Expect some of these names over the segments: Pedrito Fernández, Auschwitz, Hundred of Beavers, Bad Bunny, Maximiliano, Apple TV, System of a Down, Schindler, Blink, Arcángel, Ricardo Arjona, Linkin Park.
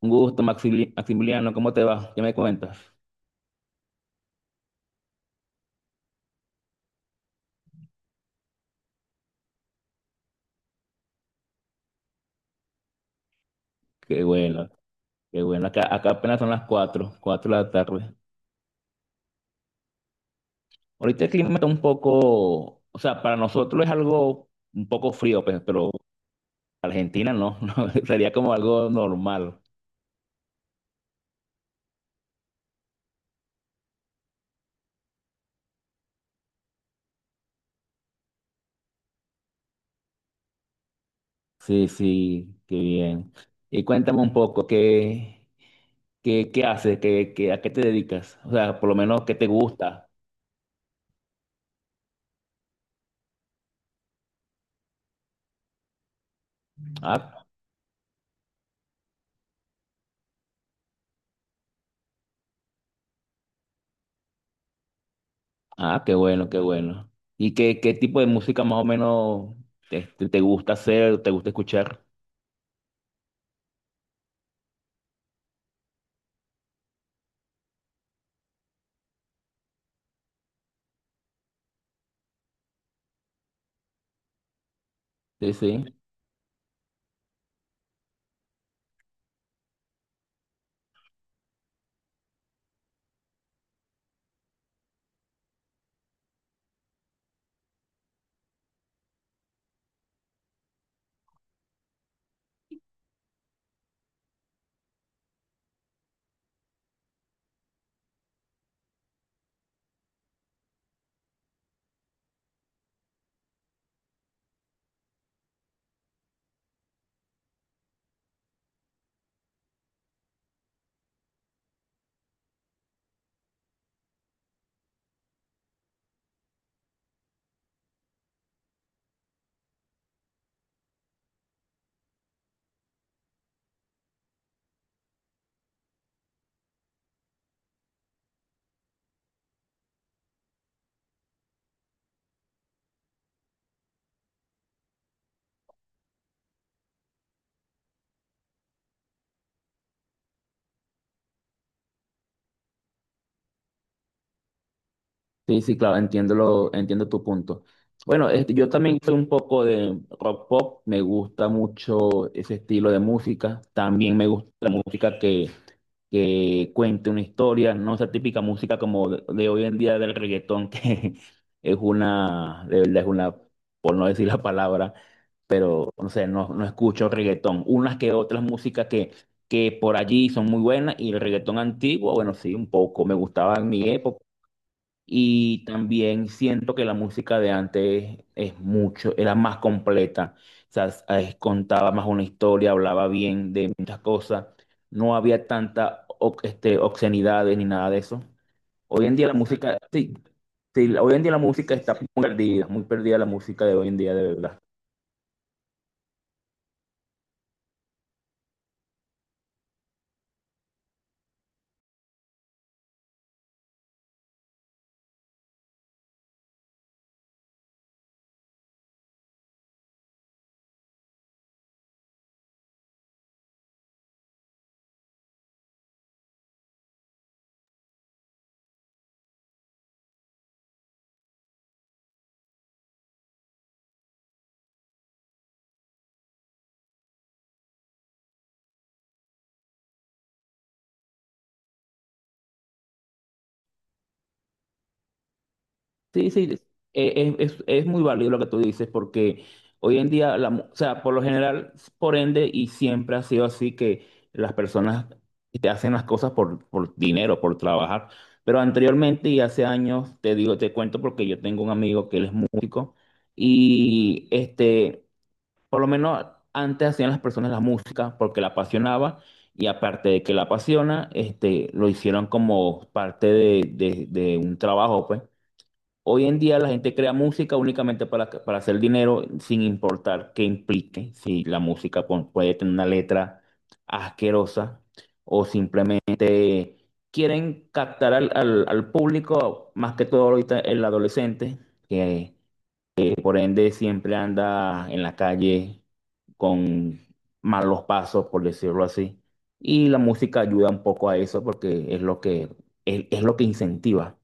Un gusto, Maximiliano, ¿cómo te va? ¿Qué me cuentas? Qué bueno, qué bueno. Acá apenas son las 4, 4 de la tarde. Ahorita el clima está un poco, o sea, para nosotros es algo un poco frío, pues, pero Argentina no, no, sería como algo normal. Sí, sí, qué bien. Y cuéntame un poco, ¿qué haces? ¿A qué te dedicas? O sea, por lo menos, ¿qué te gusta? Ah, Ah, qué bueno, qué bueno. ¿Qué tipo de música más o menos te gusta hacer, te gusta escuchar? Sí, sí. Sí, sí, claro, entiendo tu punto. Bueno, este, yo también soy un poco de rock pop, me gusta mucho ese estilo de música. También me gusta la música que cuente una historia, no esa típica música como de hoy en día del reggaetón, que es una, de verdad es una, por no decir la palabra, pero no sé, no, no escucho reggaetón. Unas que otras músicas que por allí son muy buenas, y el reggaetón antiguo, bueno, sí, un poco, me gustaba en mi época. Y también siento que la música de antes es mucho, era más completa. O sea, contaba más una historia, hablaba bien de muchas cosas. No había tanta obscenidades ni nada de eso. Hoy en día la música, sí, sí, hoy en día la música está muy perdida la música de hoy en día, de verdad. Sí, sí, es, es muy válido lo que tú dices, porque hoy en día, o sea, por lo general, por ende, y siempre ha sido así que las personas te hacen las cosas por dinero, por trabajar. Pero anteriormente y hace años, te digo, te cuento porque yo tengo un amigo que él es músico y este, por lo menos antes hacían las personas la música porque la apasionaba, y aparte de que la apasiona, este, lo hicieron como parte de, de un trabajo, pues. Hoy en día la gente crea música únicamente para hacer dinero sin importar qué implique. Si la música puede tener una letra asquerosa o simplemente quieren captar al público, más que todo ahorita el adolescente, que, que por ende siempre anda en la calle con malos pasos, por decirlo así. Y la música ayuda un poco a eso porque es lo que, es lo que incentiva.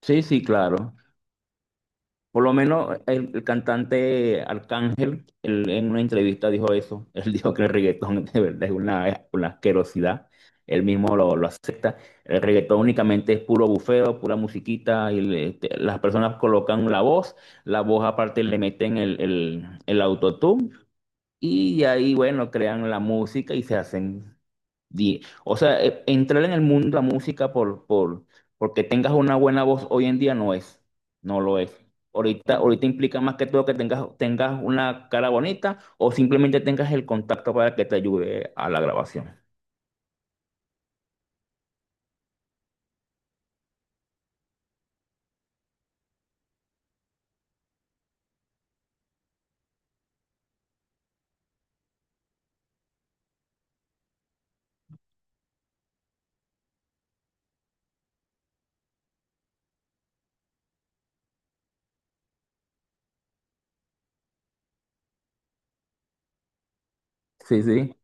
Sí, sí, claro. Por lo menos el cantante Arcángel, él en una entrevista dijo eso. Él dijo que el reggaetón de verdad es una asquerosidad. Él mismo lo acepta. El reggaetón únicamente es puro bufeo, pura musiquita. Y las personas colocan la voz. La voz aparte le meten el autotune. Y ahí, bueno, crean la música y se hacen o sea, entrar en el mundo de la música porque tengas una buena voz hoy en día no es, no lo es. Ahorita, ahorita implica más que todo que tengas una cara bonita o simplemente tengas el contacto para que te ayude a la grabación. Sí, sí.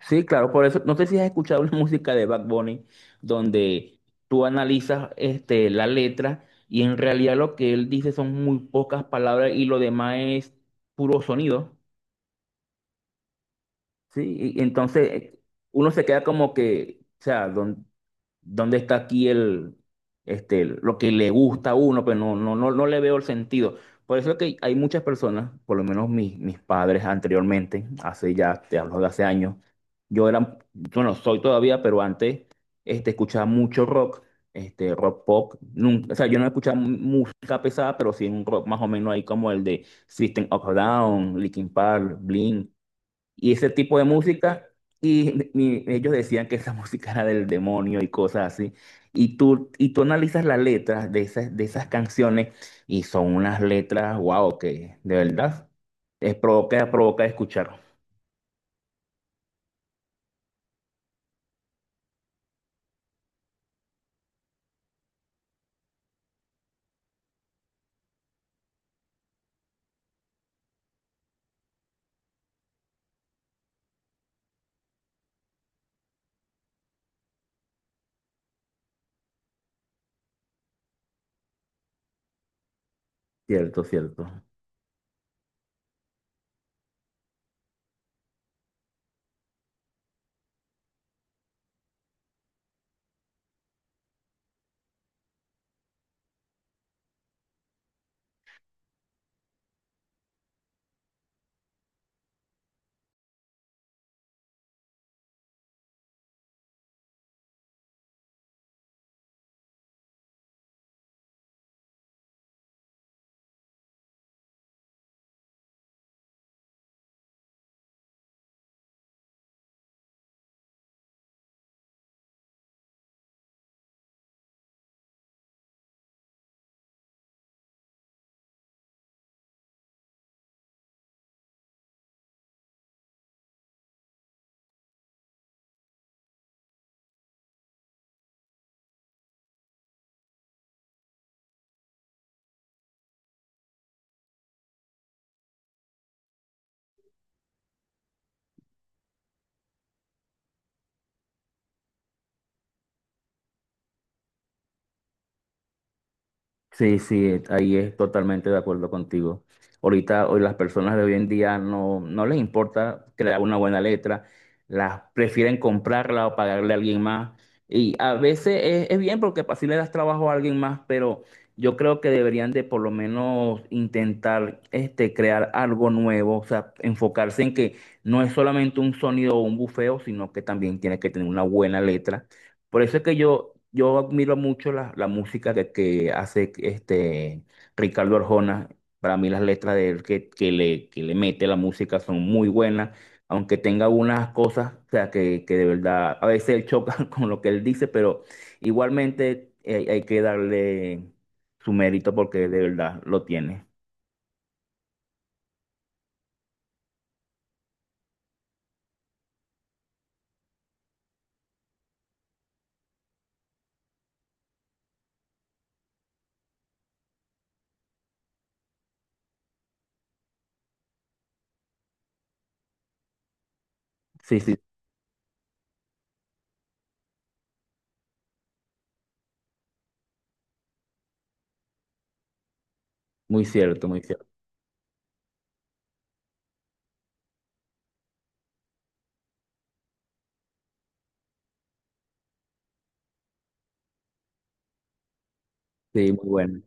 Sí, claro, por eso, no sé si has escuchado una música de Bad Bunny donde tú analizas este, la letra, y en realidad lo que él dice son muy pocas palabras y lo demás es puro sonido. Sí, y entonces uno se queda como que, o sea, ¿dónde está aquí el, este, lo que le gusta a uno? Pero no, no, no, no le veo el sentido. Por eso es que hay muchas personas, por lo menos mis, mis padres anteriormente, hace ya, te hablo de hace años, yo era, bueno, soy todavía, pero antes este, escuchaba mucho rock, este, rock pop. Nunca, o sea, yo no escuchaba música pesada, pero sí un rock más o menos ahí como el de System of a Down, Linkin Park, Blink y ese tipo de música. Y ellos decían que esa música era del demonio y cosas así. Y tú analizas las letras de esas canciones, y son unas letras, wow, que de verdad es provoca, provoca escuchar. Cierto, cierto. Sí, sí, ahí es totalmente de acuerdo contigo. Ahorita, hoy las personas de hoy en día no, no les importa crear una buena letra, las prefieren comprarla o pagarle a alguien más. Y a veces es bien porque así le das trabajo a alguien más, pero yo creo que deberían de por lo menos intentar este, crear algo nuevo, o sea, enfocarse en que no es solamente un sonido o un bufeo, sino que también tiene que tener una buena letra. Por eso es que yo admiro mucho la, la música que hace este Ricardo Arjona. Para mí las letras de él que le mete la música son muy buenas, aunque tenga unas cosas, o sea, que de verdad a veces él choca con lo que él dice, pero igualmente hay, hay que darle su mérito porque de verdad lo tiene. Sí, sí, muy cierto, muy cierto. Sí, muy bueno.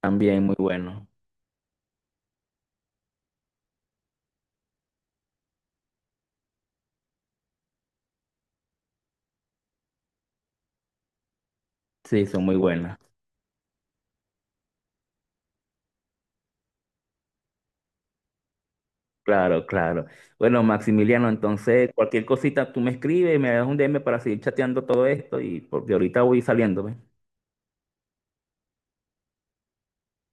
También muy bueno. Sí, son muy buenas. Claro, claro. Bueno, Maximiliano, entonces cualquier cosita tú me escribes, me das un DM para seguir chateando todo esto, y porque ahorita voy saliendo, ¿ves?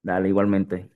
Dale, igualmente.